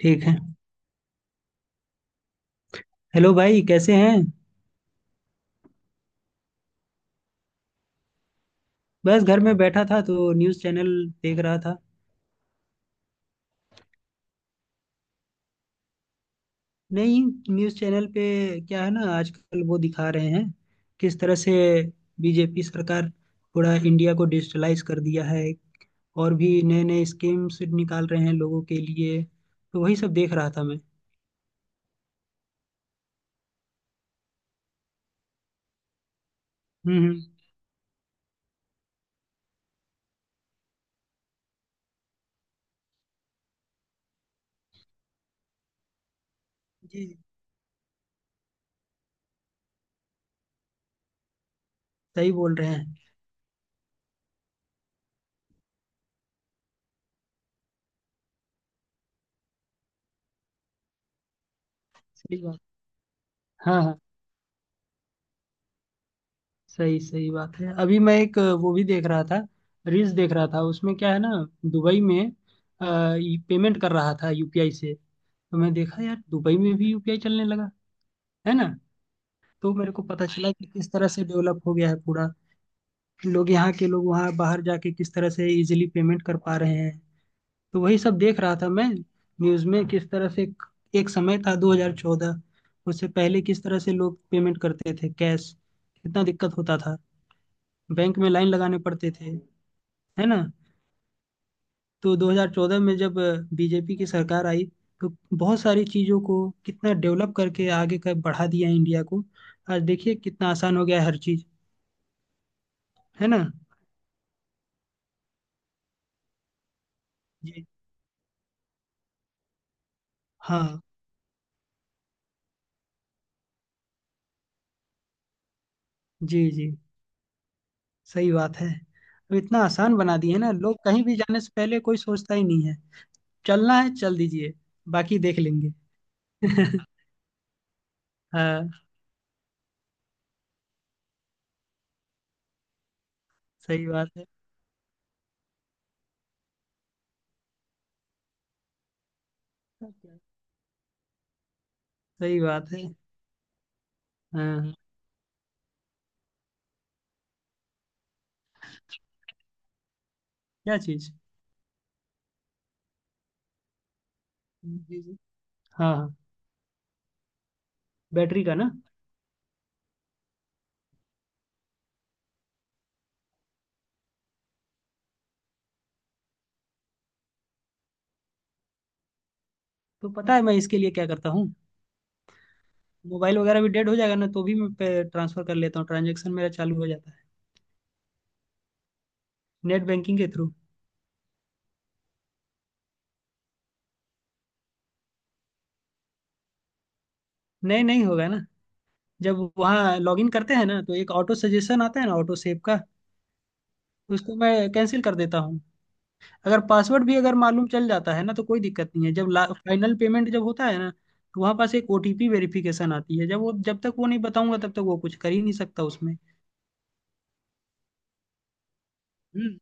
ठीक है। हेलो भाई, कैसे हैं? बस घर में बैठा था तो न्यूज़ चैनल देख रहा था। नहीं, न्यूज़ चैनल पे क्या है ना, आजकल वो दिखा रहे हैं किस तरह से बीजेपी सरकार पूरा इंडिया को डिजिटलाइज कर दिया है। और भी नए नए स्कीम्स निकाल रहे हैं लोगों के लिए। तो वही सब देख रहा था मैं। हम्म हम्म, जी जी, सही बोल रहे हैं। सही बात। हाँ हाँ, सही सही बात है। अभी मैं एक वो भी देख रहा था, रील्स देख रहा था। उसमें क्या है ना, दुबई में पेमेंट कर रहा था यूपीआई से। तो मैं देखा यार दुबई में भी यूपीआई चलने लगा, है ना। तो मेरे को पता चला कि किस तरह से डेवलप हो गया है पूरा। लोग यहाँ के लोग वहाँ बाहर जाके किस तरह से इजिली पेमेंट कर पा रहे हैं। तो वही सब देख रहा था मैं। न्यूज़ में किस तरह से एक एक समय था 2014, उससे पहले किस तरह से लोग पेमेंट करते थे। कैश, कितना दिक्कत होता था, बैंक में लाइन लगाने पड़ते थे, है ना। तो 2014 में जब बीजेपी की सरकार आई तो बहुत सारी चीज़ों को कितना डेवलप करके आगे का बढ़ा दिया इंडिया को। आज देखिए कितना आसान हो गया है हर चीज़, है ना। जी। हाँ। जी जी, सही बात है। अब इतना आसान बना दिए है ना, लोग कहीं भी जाने से पहले कोई सोचता ही नहीं है। चलना है चल दीजिए, बाकी देख लेंगे। हाँ, सही बात है। सही बात है। हाँ हाँ। क्या चीज़? जी जी। हाँ हाँ। बैटरी का ना। तो पता है मैं इसके लिए क्या करता हूँ। मोबाइल वगैरह भी डेड हो जाएगा ना तो भी मैं ट्रांसफर कर लेता हूँ, ट्रांजेक्शन मेरा चालू हो जाता है। नेट बैंकिंग के थ्रू। नहीं नहीं होगा ना, जब वहाँ लॉगिन करते हैं ना तो एक ऑटो सजेशन आता है ना, ऑटो सेव का, उसको मैं कैंसिल कर देता हूँ। अगर पासवर्ड भी अगर मालूम चल जाता है ना तो कोई दिक्कत नहीं है। जब फाइनल पेमेंट जब होता है ना तो वहाँ पास एक ओटीपी वेरिफिकेशन आती है। जब वो जब तक वो नहीं बताऊंगा तब तक वो कुछ कर ही नहीं सकता उसमें। हम्म।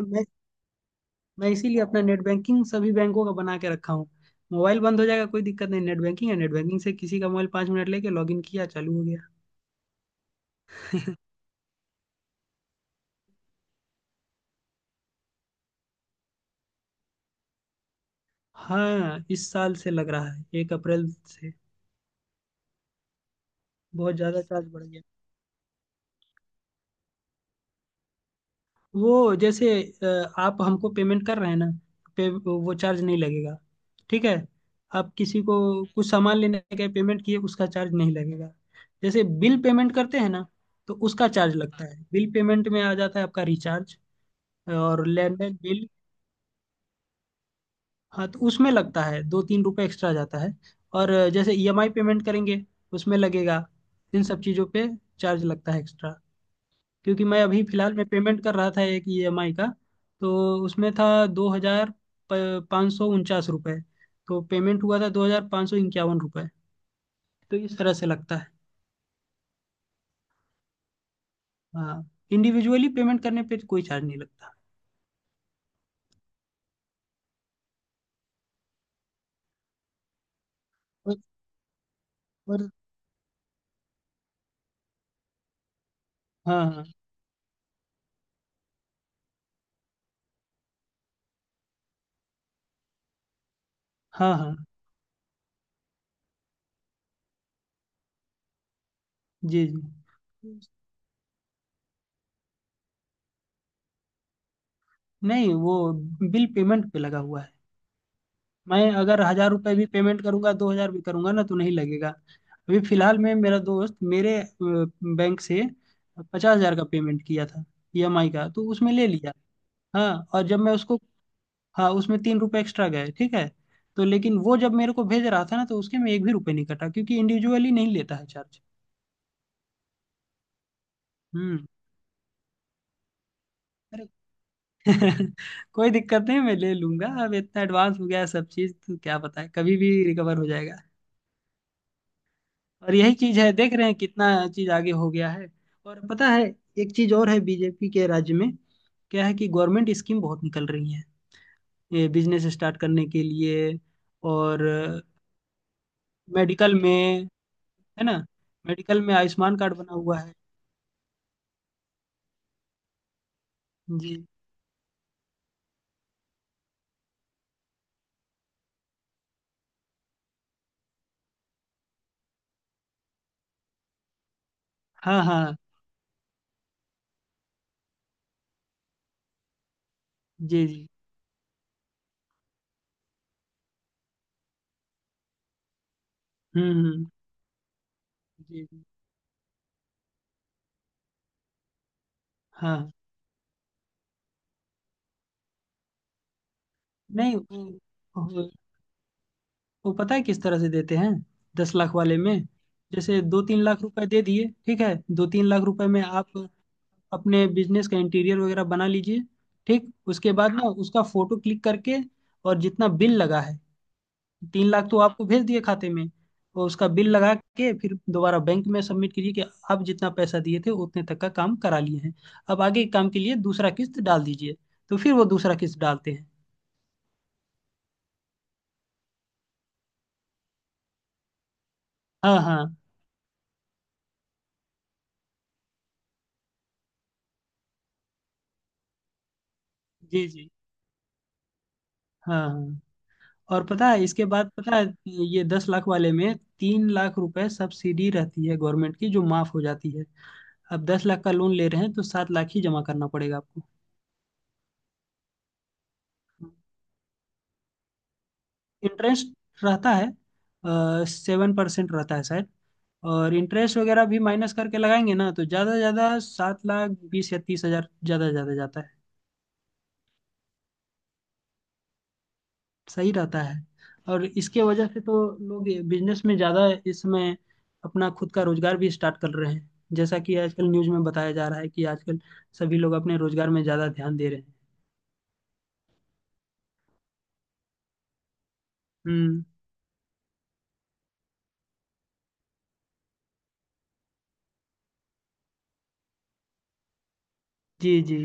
मैं मैं इसीलिए अपना नेट बैंकिंग सभी बैंकों का बना के रखा हूँ। मोबाइल बंद हो जाएगा कोई दिक्कत नहीं, नेट बैंकिंग है। नेट बैंकिंग से किसी का मोबाइल 5 मिनट लेके लॉगिन किया, चालू हो गया। हाँ, इस साल से लग रहा है 1 अप्रैल से। बहुत ज़्यादा चार्ज बढ़ गया। वो जैसे आप हमको पेमेंट कर रहे हैं ना पे वो चार्ज नहीं लगेगा। ठीक है। आप किसी को कुछ सामान लेने के पेमेंट किए उसका चार्ज नहीं लगेगा। जैसे बिल पेमेंट करते हैं ना तो उसका चार्ज लगता है। बिल पेमेंट में आ जाता है आपका रिचार्ज और लैंडलाइन बिल। हाँ, तो उसमें लगता है दो तीन रुपए एक्स्ट्रा जाता है। और जैसे ईएमआई पेमेंट करेंगे उसमें लगेगा। इन सब चीज़ों पे चार्ज लगता है एक्स्ट्रा। क्योंकि मैं अभी फिलहाल में पेमेंट कर रहा था एक ईएमआई का, तो उसमें था 2,549 रुपये, तो पेमेंट हुआ था 2,551 रुपये। तो इस तरह से लगता है। हाँ, इंडिविजुअली पेमेंट करने पे कोई चार्ज नहीं लगता। और, और हाँ हाँ। हाँ हाँ। जी जी। नहीं, वो बिल पेमेंट पे लगा हुआ है। मैं अगर 1,000 रुपये भी पेमेंट करूंगा 2,000 भी करूंगा ना तो नहीं लगेगा। अभी फिलहाल में मेरा दोस्त मेरे बैंक से 50,000 का पेमेंट किया था ईएमआई का, तो उसमें ले लिया। हाँ, और जब मैं उसको, हाँ, उसमें 3 रुपये एक्स्ट्रा गए, ठीक है। तो लेकिन वो जब मेरे को भेज रहा था ना तो उसके में एक भी रुपये नहीं कटा क्योंकि इंडिविजुअली नहीं लेता है चार्ज। हम्म। अरे। कोई दिक्कत नहीं, मैं ले लूंगा। अब इतना एडवांस हो गया है सब चीज, तो क्या पता है कभी भी रिकवर हो जाएगा। और यही चीज है, देख रहे हैं कितना चीज आगे हो गया है। और पता है, एक चीज और है बीजेपी के राज्य में। क्या है कि गवर्नमेंट स्कीम बहुत निकल रही है ये बिजनेस स्टार्ट करने के लिए। और मेडिकल में, है ना, मेडिकल में आयुष्मान कार्ड बना हुआ है। जी। हाँ हाँ। जी जी। हम्म। जी जी। हाँ। नहीं, वो- वो पता है किस तरह से देते हैं 10 लाख वाले में। जैसे दो तीन लाख रुपए दे दिए, ठीक है, दो तीन लाख रुपए में आप अपने बिजनेस का इंटीरियर वगैरह बना लीजिए। ठीक, उसके बाद ना उसका फोटो क्लिक करके और जितना बिल लगा है, 3 लाख तो आपको भेज दिए खाते में, और उसका बिल लगा के फिर दोबारा बैंक में सबमिट कीजिए कि आप जितना पैसा दिए थे उतने तक का काम करा लिए हैं। अब आगे के काम के लिए दूसरा किस्त डाल दीजिए, तो फिर वो दूसरा किस्त डालते हैं। हाँ हाँ। जी जी। हाँ हाँ। और पता है इसके बाद, पता है, ये 10 लाख वाले में 3 लाख रुपए सब्सिडी रहती है गवर्नमेंट की जो माफ हो जाती है। अब 10 लाख का लोन ले रहे हैं तो 7 लाख ही जमा करना पड़ेगा आपको। इंटरेस्ट रहता है, 7% रहता है शायद। और इंटरेस्ट वगैरह भी माइनस करके लगाएंगे ना तो ज़्यादा से ज़्यादा 7 लाख 20 या 30 हज़ार ज़्यादा ज़्यादा जाता है। सही रहता है। और इसके वजह से तो लोग बिजनेस में ज़्यादा इस समय अपना खुद का रोजगार भी स्टार्ट कर रहे हैं। जैसा कि आजकल न्यूज में बताया जा रहा है कि आजकल सभी लोग अपने रोजगार में ज़्यादा ध्यान दे रहे हैं। हम्म। जी जी।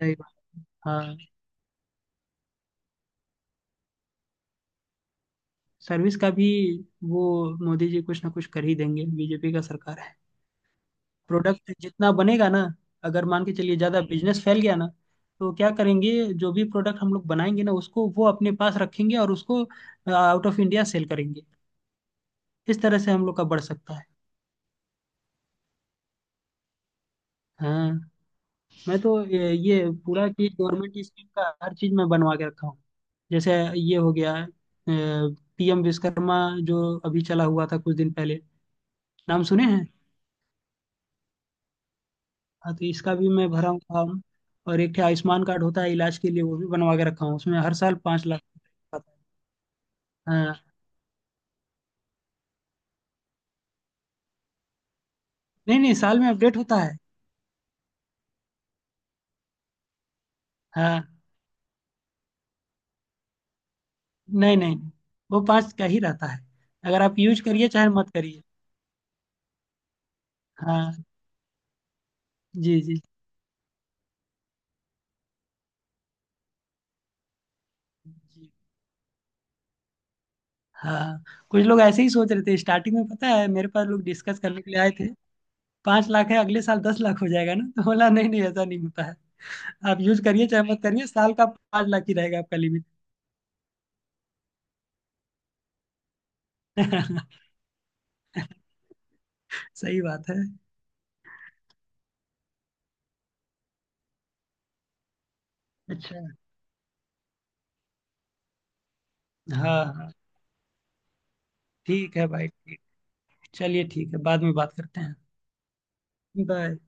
सही बात। हाँ, सर्विस का भी वो मोदी जी कुछ ना कुछ कर ही देंगे, बीजेपी का सरकार है। प्रोडक्ट जितना बनेगा ना, अगर मान के चलिए ज़्यादा बिजनेस फैल गया ना, तो क्या करेंगे, जो भी प्रोडक्ट हम लोग बनाएंगे ना उसको वो अपने पास रखेंगे और उसको आउट ऑफ इंडिया सेल करेंगे। इस तरह से हम लोग का बढ़ सकता है। हाँ, मैं तो ये पूरा चीज गवर्नमेंट स्कीम का हर चीज मैं बनवा के रखा हूँ। जैसे ये हो गया पीएम विश्वकर्मा, जो अभी चला हुआ था कुछ दिन पहले, नाम सुने हैं। हाँ, तो इसका भी मैं भरा हूँ फॉर्म। और एक ठे आयुष्मान कार्ड होता है इलाज के लिए, वो भी बनवा के रखा हूँ। उसमें हर साल 5 लाख रुपए आता है। हाँ, नहीं नहीं, साल में अपडेट होता है। हाँ, नहीं नहीं, वो पाँच का ही रहता है। अगर आप यूज करिए चाहे मत करिए। हाँ। जी जी। जी। हाँ। कुछ लोग ऐसे ही सोच रहे थे स्टार्टिंग में, पता है मेरे पास लोग डिस्कस करने के लिए आए थे, 5 लाख है अगले साल 10 लाख हो जाएगा ना, तो बोला नहीं नहीं ऐसा नहीं होता है। आप यूज करिए चाहे मत करिए, साल का 5 लाख ही रहेगा आपका लिमिट। सही बात है। अच्छा। हाँ हाँ, ठीक है भाई, ठीक, चलिए ठीक है, बाद में बात करते हैं। बाय।